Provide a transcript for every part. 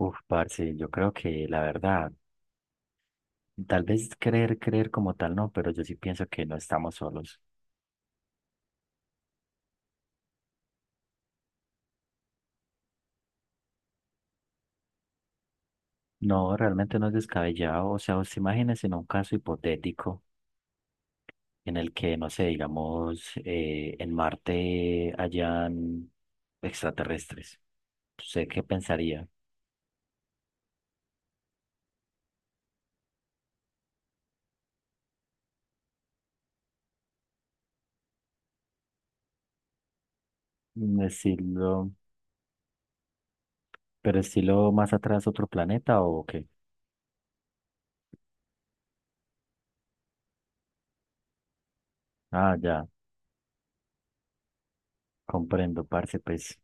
Uf, parce, yo creo que la verdad, tal vez creer, creer como tal no, pero yo sí pienso que no estamos solos. No, realmente no es descabellado. O sea, usted imagínese en un caso hipotético en el que, no sé, digamos, en Marte hayan extraterrestres. ¿Usted qué pensaría? Mm, estilo, ¿pero estilo más atrás otro planeta o qué? Ah, ya, comprendo, parce, pues,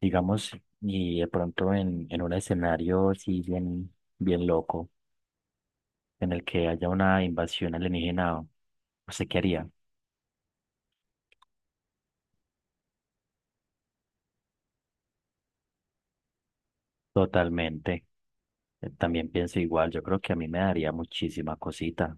digamos, y de pronto en un escenario así bien, bien loco, en el que haya una invasión alienígena, ¿usted qué haría? Totalmente. También pienso igual, yo creo que a mí me daría muchísima cosita.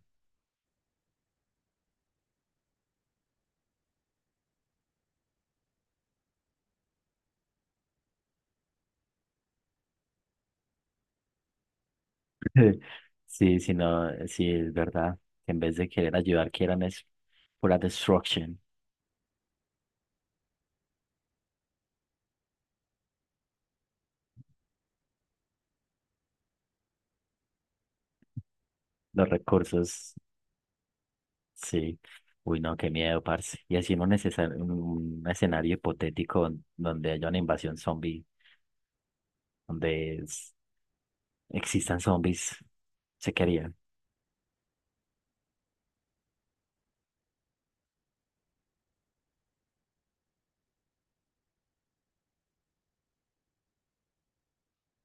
Sí, sí, no, sí, es verdad. En vez de querer ayudar, quieran es pura destruction. Los recursos, sí. Uy, no, qué miedo, parce. Y así en un, en un escenario hipotético donde haya una invasión zombie, donde es- existan zombies, se quería.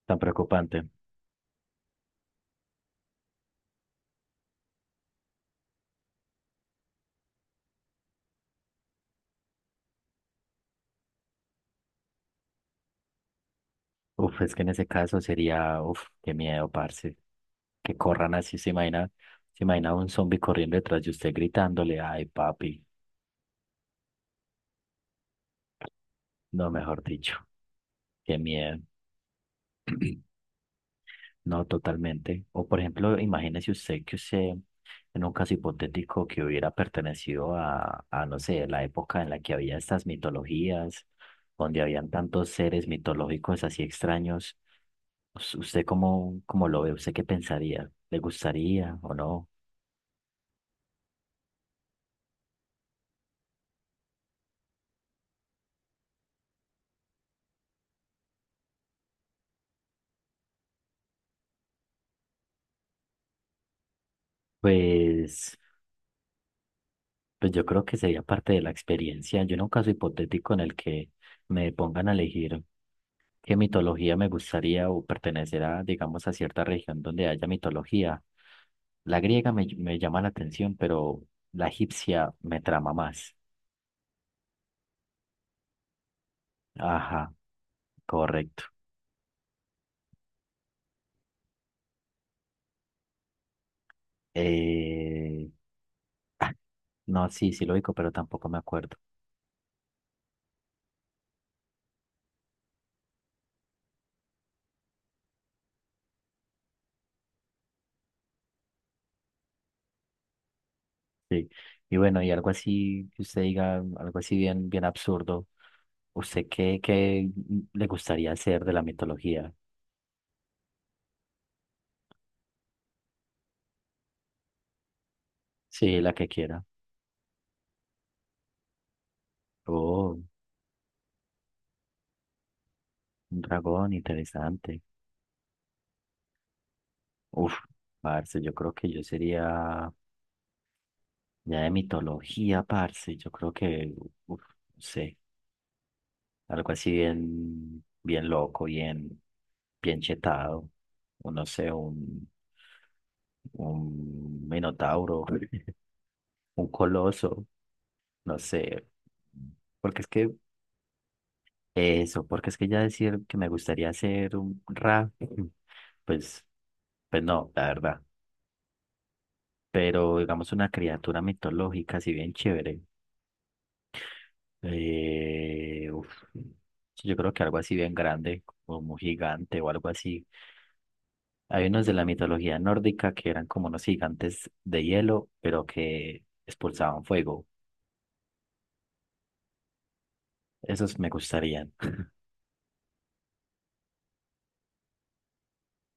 Tan preocupante. Uf, es que en ese caso sería, uf, qué miedo, parce, que corran así, se imagina un zombie corriendo detrás de usted gritándole, ay, papi, no, mejor dicho, qué miedo, no, totalmente. O por ejemplo, imagínese usted que usted, en un caso hipotético que hubiera pertenecido a, no sé, la época en la que había estas mitologías, donde habían tantos seres mitológicos así extraños. ¿Usted cómo, cómo lo ve? ¿Usted qué pensaría? ¿Le gustaría o no? Pues, pues yo creo que sería parte de la experiencia. Yo en un caso hipotético en el que me pongan a elegir qué mitología me gustaría o pertenecerá, digamos, a cierta región donde haya mitología. La griega me, me llama la atención, pero la egipcia me trama más. Ajá, correcto. Eh, ah, no, sí, sí lo digo, pero tampoco me acuerdo. Sí. Y bueno, y algo así que usted diga, algo así bien, bien absurdo. ¿Usted qué, qué le gustaría hacer de la mitología? Sí, la que quiera. Oh, un dragón, interesante. Uf, parce, yo creo que yo sería ya de mitología, parce. Yo creo que, uf, no sé, algo así bien, bien loco, bien, bien chetado. O no sé, un minotauro, un coloso, no sé. Porque es que eso, porque es que ya decir que me gustaría ser un rap, pues, pues no, la verdad. Pero digamos una criatura mitológica así bien chévere. Uf, sí, yo creo que algo así bien grande, como un gigante o algo así. Hay unos de la mitología nórdica que eran como unos gigantes de hielo, pero que expulsaban fuego. Esos me gustarían.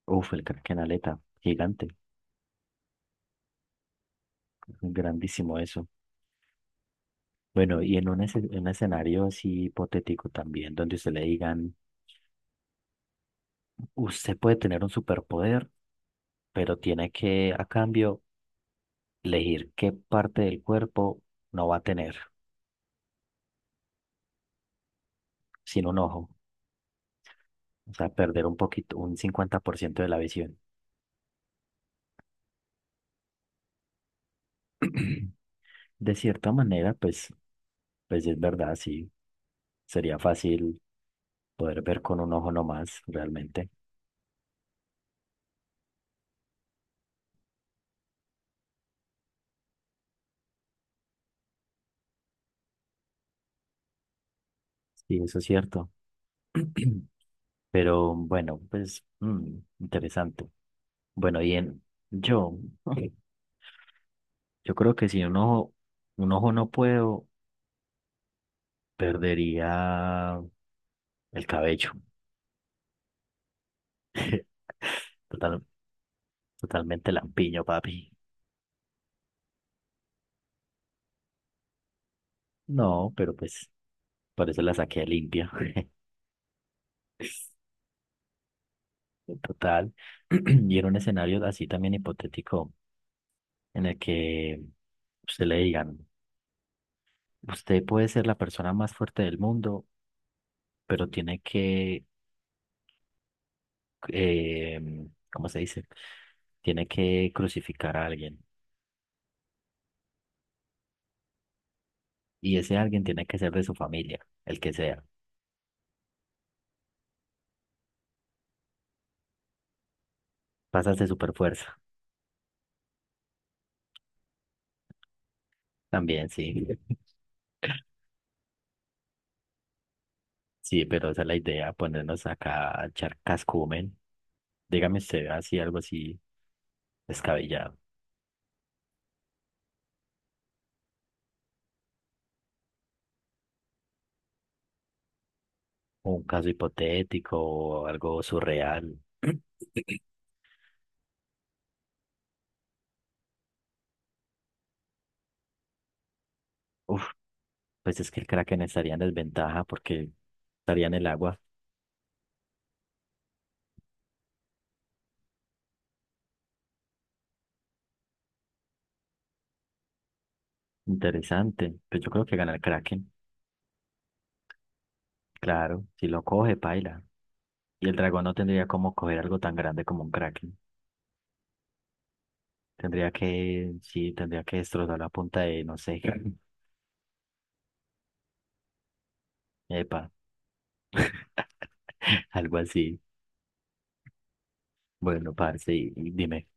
Uf, el Krakenaleta, gigante, grandísimo eso. Bueno, y en un, un escenario así hipotético también, donde usted le digan, usted puede tener un superpoder, pero tiene que, a cambio, elegir qué parte del cuerpo no va a tener sin un ojo, o sea, perder un poquito, un 50% de la visión. De cierta manera, pues, pues es verdad, sí, sería fácil poder ver con un ojo nomás, realmente. Sí, eso es cierto. Pero bueno, pues mm, interesante. Bueno, y en yo, yo creo que si un ojo, un ojo no puedo, perdería el cabello. Total, totalmente lampiño, papi. No, pero pues por eso la saqué limpia. Total. Y era un escenario así también hipotético en el que usted le digan, usted puede ser la persona más fuerte del mundo, pero tiene que, eh, ¿cómo se dice? Tiene que crucificar a alguien. Y ese alguien tiene que ser de su familia, el que sea. Pasas de super fuerza. También, sí. Sí, pero esa es la idea, ponernos acá a echar cascumen. Dígame usted así, algo así descabellado. Un caso hipotético o algo surreal. Uf, pues es que el Kraken estaría en desventaja porque estaría en el agua. Interesante. Pues yo creo que gana el Kraken. Claro, si lo coge, paila. Y el dragón no tendría como coger algo tan grande como un Kraken. Tendría que, sí, tendría que destrozar la punta de, no sé, epa, algo así. Bueno, parce, y dime.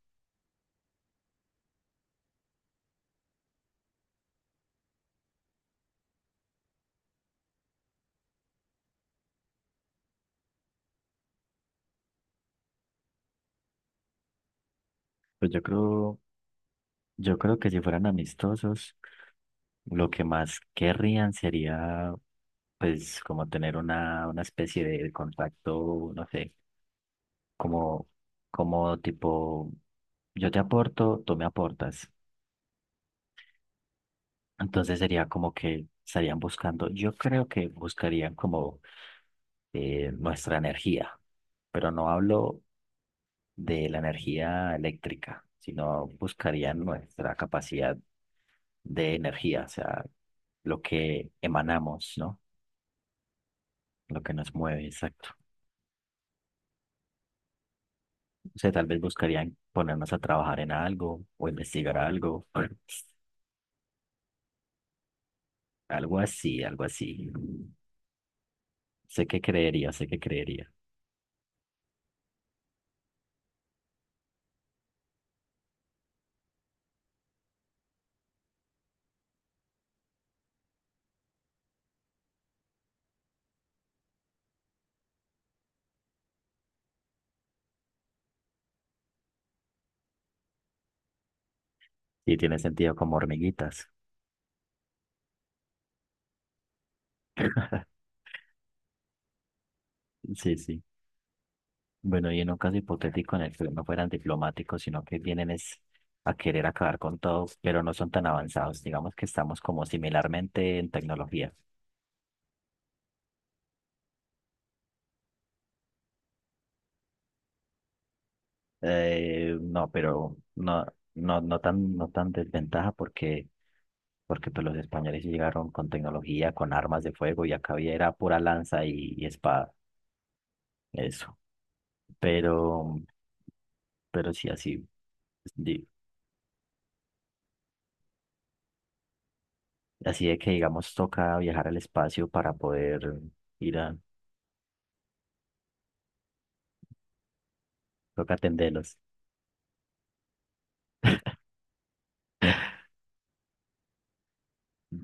Pues yo creo que si fueran amistosos. Lo que más querrían sería, pues, como tener una especie de contacto, no sé, como, como tipo, yo te aporto, tú me aportas. Entonces sería como que estarían buscando, yo creo que buscarían como nuestra energía, pero no hablo de la energía eléctrica, sino buscarían nuestra capacidad de energía, o sea, lo que emanamos, ¿no? Lo que nos mueve, exacto. O sea, tal vez buscarían ponernos a trabajar en algo o investigar algo. Algo así, algo así. Sé que creería, sé que creería. Y tiene sentido como hormiguitas. Sí, sí. Bueno, y en un caso hipotético en el que no fueran diplomáticos, sino que vienen es a querer acabar con todo, pero no son tan avanzados. Digamos que estamos como similarmente en tecnología. No, pero no, no, no tan, no tan desventaja porque porque pues los españoles sí llegaron con tecnología, con armas de fuego y acá había era pura lanza y espada, eso. Pero, pero sí, así, di- así de que digamos toca viajar al espacio para poder ir a, toca atenderlos.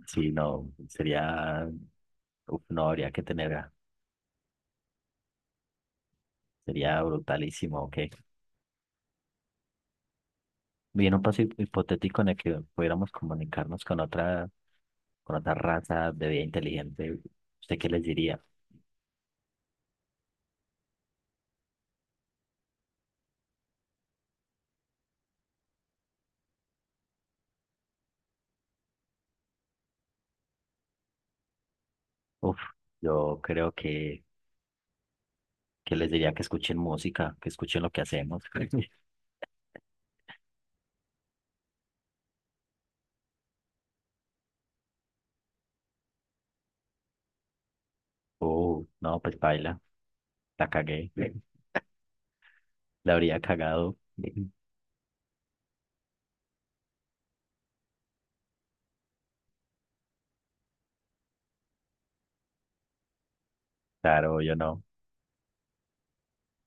Sí, no, sería, uf, no habría que tener, sería brutalísimo, ok. Bien, un paso hipotético en el que pudiéramos comunicarnos con otra raza de vida inteligente, ¿usted qué les diría? Uf, yo creo que les diría que escuchen música, que escuchen lo que hacemos. Oh, no, pues baila, la cagué, la habría cagado. Claro, yo no.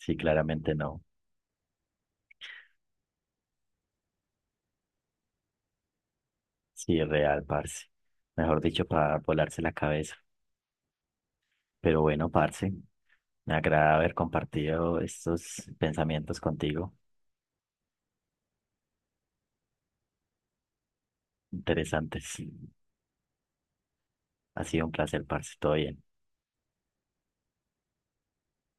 Sí, claramente no. Sí, real, parce. Mejor dicho, para volarse la cabeza. Pero bueno, parce, me agrada haber compartido estos pensamientos contigo. Interesantes. Ha sido un placer, parce. Todo bien.